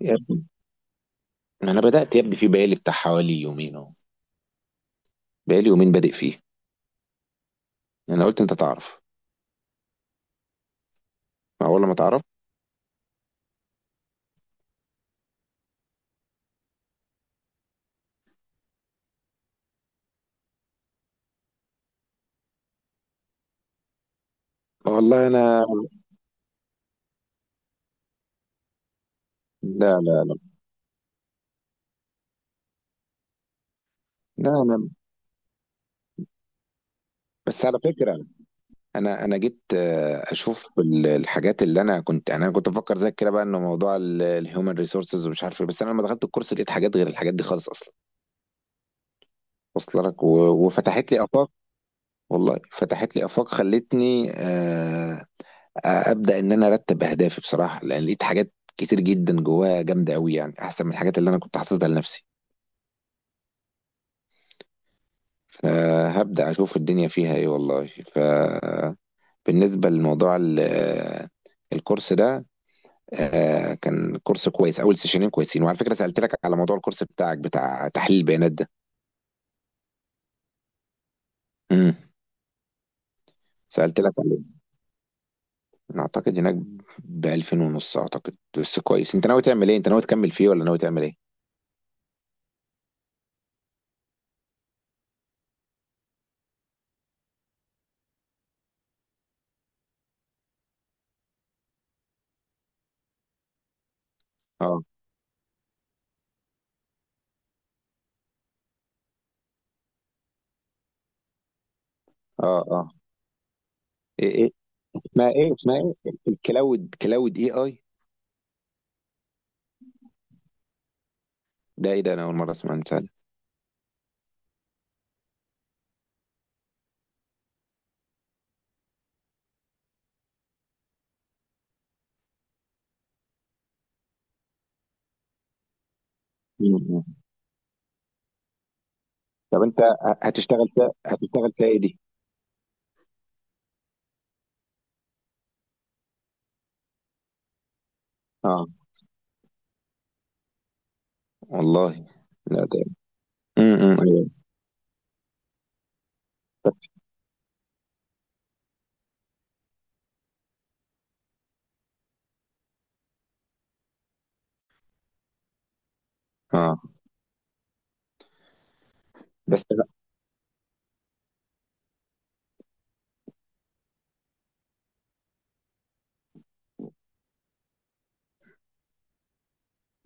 يا ابني، انا بدات يا ابني في بقالي بتاع حوالي يومين اهو. بقالي يومين بادئ فيه. انا قلت انت تعرف اول ما تعرف. والله انا، لا، لا، لا، انا بس على فكره. انا جيت، اشوف الحاجات اللي انا كنت يعني انا كنت بفكر زيك كده بقى انه موضوع الهيومن ريسورسز ومش عارف ايه. بس انا لما دخلت الكورس لقيت حاجات غير الحاجات دي خالص اصلا. وصل لك؟ وفتحت لي افاق. والله فتحت لي افاق خلتني ابدا ان انا ارتب اهدافي بصراحه، لان لقيت حاجات كتير جدا جواها جامده قوي، يعني احسن من الحاجات اللي انا كنت حاططها لنفسي. فهبدا اشوف الدنيا فيها ايه والله. فبالنسبه لموضوع الكورس ده، كان كورس كويس. اول سيشنين كويسين. وعلى فكره، سالت لك على موضوع الكورس بتاعك بتاع تحليل البيانات ده. امم، سالت لك عليه. أنا اعتقد هناك ب 2000 ونص اعتقد. بس كويس، انت ناوي تعمل ايه؟ انت ناوي تكمل فيه ولا ناوي تعمل ايه؟ اه، اه، اه، ايه؟ اسمها ايه الكلاود كلاود اي اي؟ ده ايه ده؟ انا اول مره اسمع عن بتاع ده. مم. طب انت هتشتغل فيها؟ هتشتغل فيها ايه دي؟ اه، والله لا، ده امم، ايوه، اه. بس أنا-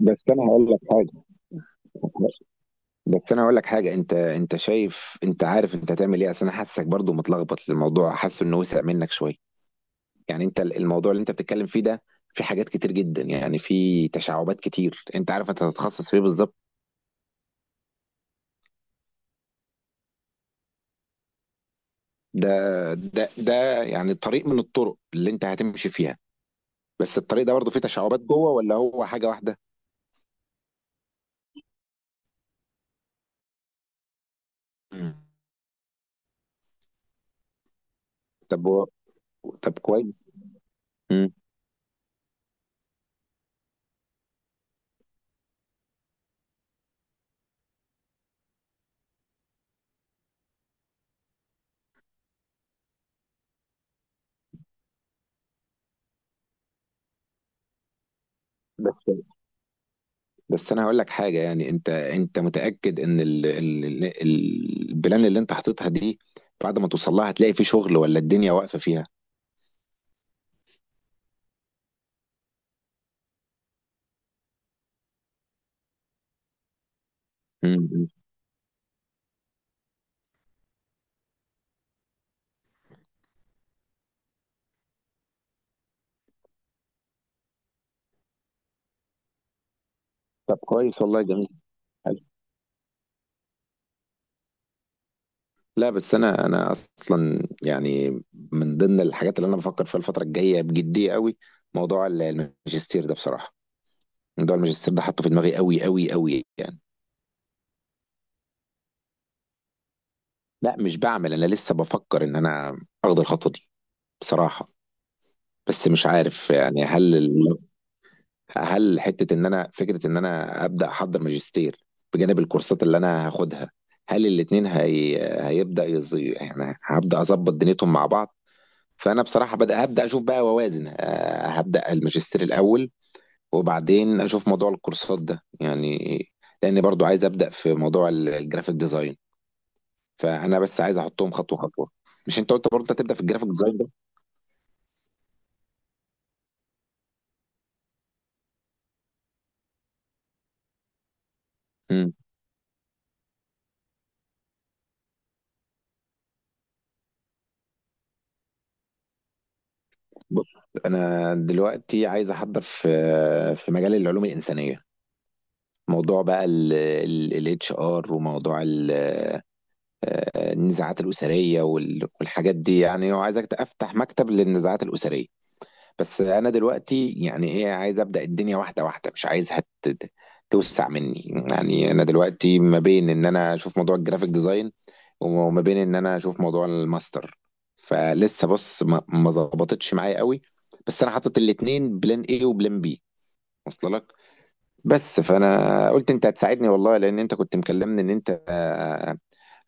بس انا هقول لك حاجه. انت شايف، انت عارف انت هتعمل ايه؟ اصل انا حاسسك برضو متلخبط، الموضوع حاسه انه وسع منك شويه. يعني انت، الموضوع اللي انت بتتكلم فيه ده، في حاجات كتير جدا، يعني في تشعبات كتير. انت عارف انت هتتخصص في ايه بالظبط؟ ده ده يعني طريق من الطرق اللي انت هتمشي فيها. بس الطريق ده برضه فيه تشعبات جوه ولا هو حاجة واحدة؟ مم. طب و... طب كويس. مم. بس بس انا هقول لك حاجة، يعني انت متأكد ان البلان اللي انت حاططها دي، بعد ما توصل لها هتلاقي فيه شغل ولا الدنيا واقفة فيها؟ مم. طب كويس، والله جميل. حلو. لا، بس انا اصلا يعني، من ضمن الحاجات اللي انا بفكر فيها الفترة الجاية بجدية قوي، موضوع الماجستير ده بصراحة. موضوع الماجستير ده حاطه في دماغي قوي قوي قوي، يعني. لا، مش بعمل. انا لسه بفكر ان انا اخد الخطوه دي بصراحه. بس مش عارف، يعني هل هل حته ان انا فكره ان انا ابدا احضر ماجستير بجانب الكورسات اللي انا هاخدها، هل الاتنين هي... يعني هبدا اظبط دنيتهم مع بعض. فانا بصراحه، هبدا اشوف بقى واوازن. هبدا الماجستير الاول وبعدين اشوف موضوع الكورسات ده، يعني. لاني برضو عايز ابدا في موضوع الجرافيك ديزاين. فانا بس عايز احطهم خطوه خطوه. مش انت قلت برضه انت هتبدا في الجرافيك ديزاين ده؟ امم. بص، انا دلوقتي عايز احضر في، في مجال العلوم الانسانيه. موضوع بقى الاتش ار، وموضوع النزاعات الاسريه، والحاجات دي يعني. وعايزك افتح مكتب للنزاعات الاسريه. بس انا دلوقتي يعني ايه، عايز ابدا الدنيا واحده واحده، مش عايزها توسع مني. يعني انا دلوقتي ما بين ان انا اشوف موضوع الجرافيك ديزاين، وما بين ان انا اشوف موضوع الماستر. فلسه بص، ما ظبطتش معايا قوي. بس انا حاطط الاتنين، بلان ايه وبلان بي. وصل لك؟ بس فانا قلت انت هتساعدني والله، لان انت كنت مكلمني ان انت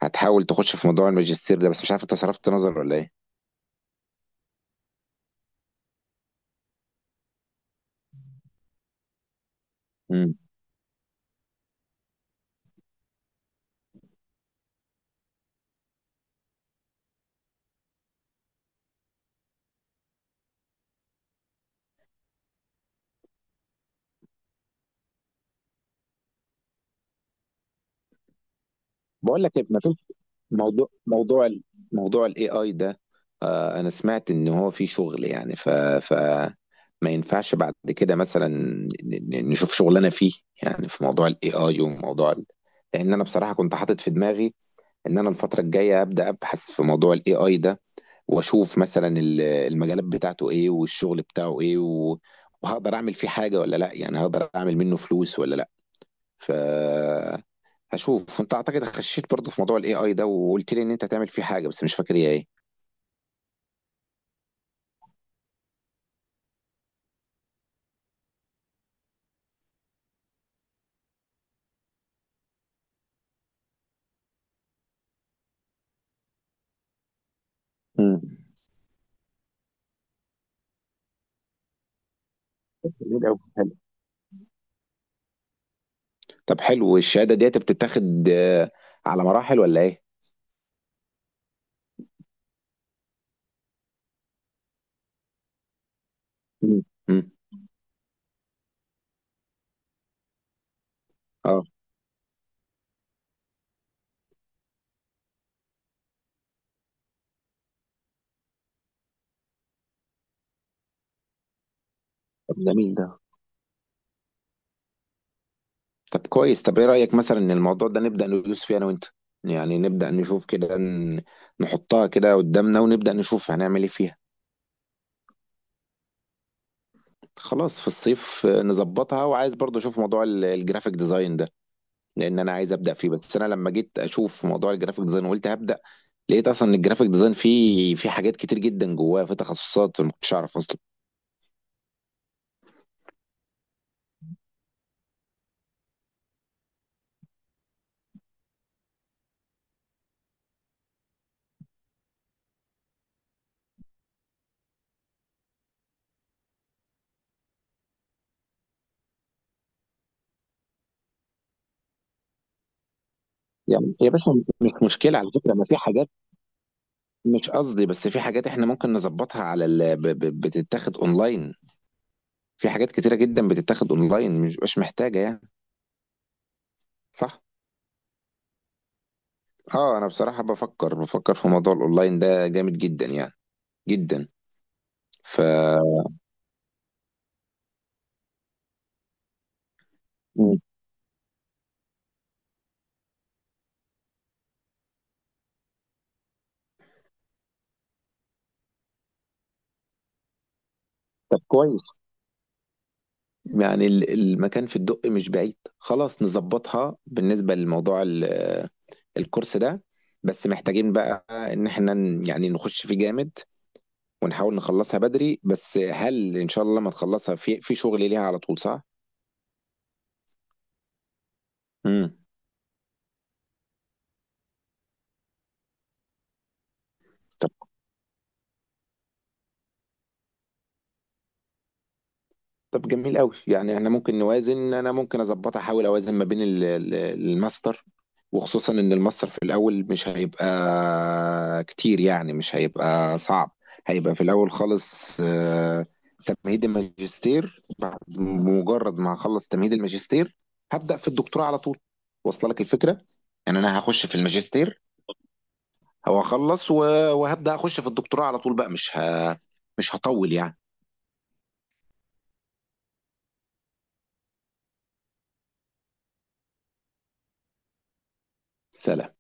هتحاول تخش في موضوع الماجستير ده، بس مش عارف انت صرفت نظر ولا ايه. بقول لك إيه، ما فيش موضوع موضوع ال- موضوع الاي اي ده، آه، انا سمعت ان هو في شغل يعني. ف، ف، ما ينفعش بعد كده مثلا، نشوف شغلنا فيه؟ يعني في موضوع الاي اي، وموضوع ال... لان انا بصراحه كنت حاطط في دماغي ان انا الفتره الجايه ابدا ابحث في موضوع الاي اي ده، واشوف مثلا المجالات بتاعته ايه والشغل بتاعه ايه، و... وهقدر اعمل فيه حاجه ولا لا؟ يعني هقدر اعمل منه فلوس ولا لا؟ ف، هشوف. انت اعتقد خشيت برضه في موضوع الاي اي ده وقلت لي ان انت هتعمل فيه حاجه، بس مش فاكر هي ايه. مم. جميل أوي. حلو. طب، حلو الشهاده ديت بتتاخد على مراحل ولا ايه؟ مم. امم، اه. طب جميل، جميل ده. طب كويس، طب ايه رايك مثلا ان الموضوع ده نبدا ندوس فيه انا وانت؟ يعني نبدا نشوف كده، نحطها كده قدامنا ونبدا نشوف هنعمل ايه فيها. خلاص، في الصيف، نظبطها. وعايز برضه اشوف موضوع الجرافيك ديزاين ده، لان انا عايز ابدا فيه. بس انا لما جيت اشوف موضوع الجرافيك ديزاين وقلت هبدا، لقيت اصلا ان الجرافيك ديزاين فيه حاجات كتير جدا جواه، في تخصصات ما كنتش اعرف اصلا. يعني يا باشا، مش مشكله على فكره. ما في حاجات، مش قصدي، بس في حاجات احنا ممكن نظبطها على بتتاخد اونلاين. في حاجات كتيره جدا بتتاخد اونلاين، مش محتاجه يعني. صح. اه، انا بصراحه بفكر في موضوع الاونلاين ده جامد جدا، يعني جدا. ف، مم. طب كويس، يعني المكان في الدق مش بعيد. خلاص نظبطها. بالنسبة لموضوع الكورس ده، بس محتاجين بقى ان احنا، يعني نخش فيه جامد، ونحاول نخلصها بدري. بس هل ان شاء الله ما نخلصها، في شغل ليها على طول صح؟ امم. طب جميل قوي، يعني احنا ممكن نوازن. انا ممكن اظبطها، احاول اوازن ما بين الماستر، وخصوصا ان الماستر في الاول مش هيبقى كتير، يعني مش هيبقى صعب. هيبقى في الاول خالص تمهيد الماجستير. بعد مجرد ما هخلص تمهيد الماجستير، هبدأ في الدكتوراه على طول. واصله لك الفكرة؟ يعني انا هخش في الماجستير، هو اخلص وهبدأ اخش في الدكتوراه على طول بقى. مش هطول يعني. سلام.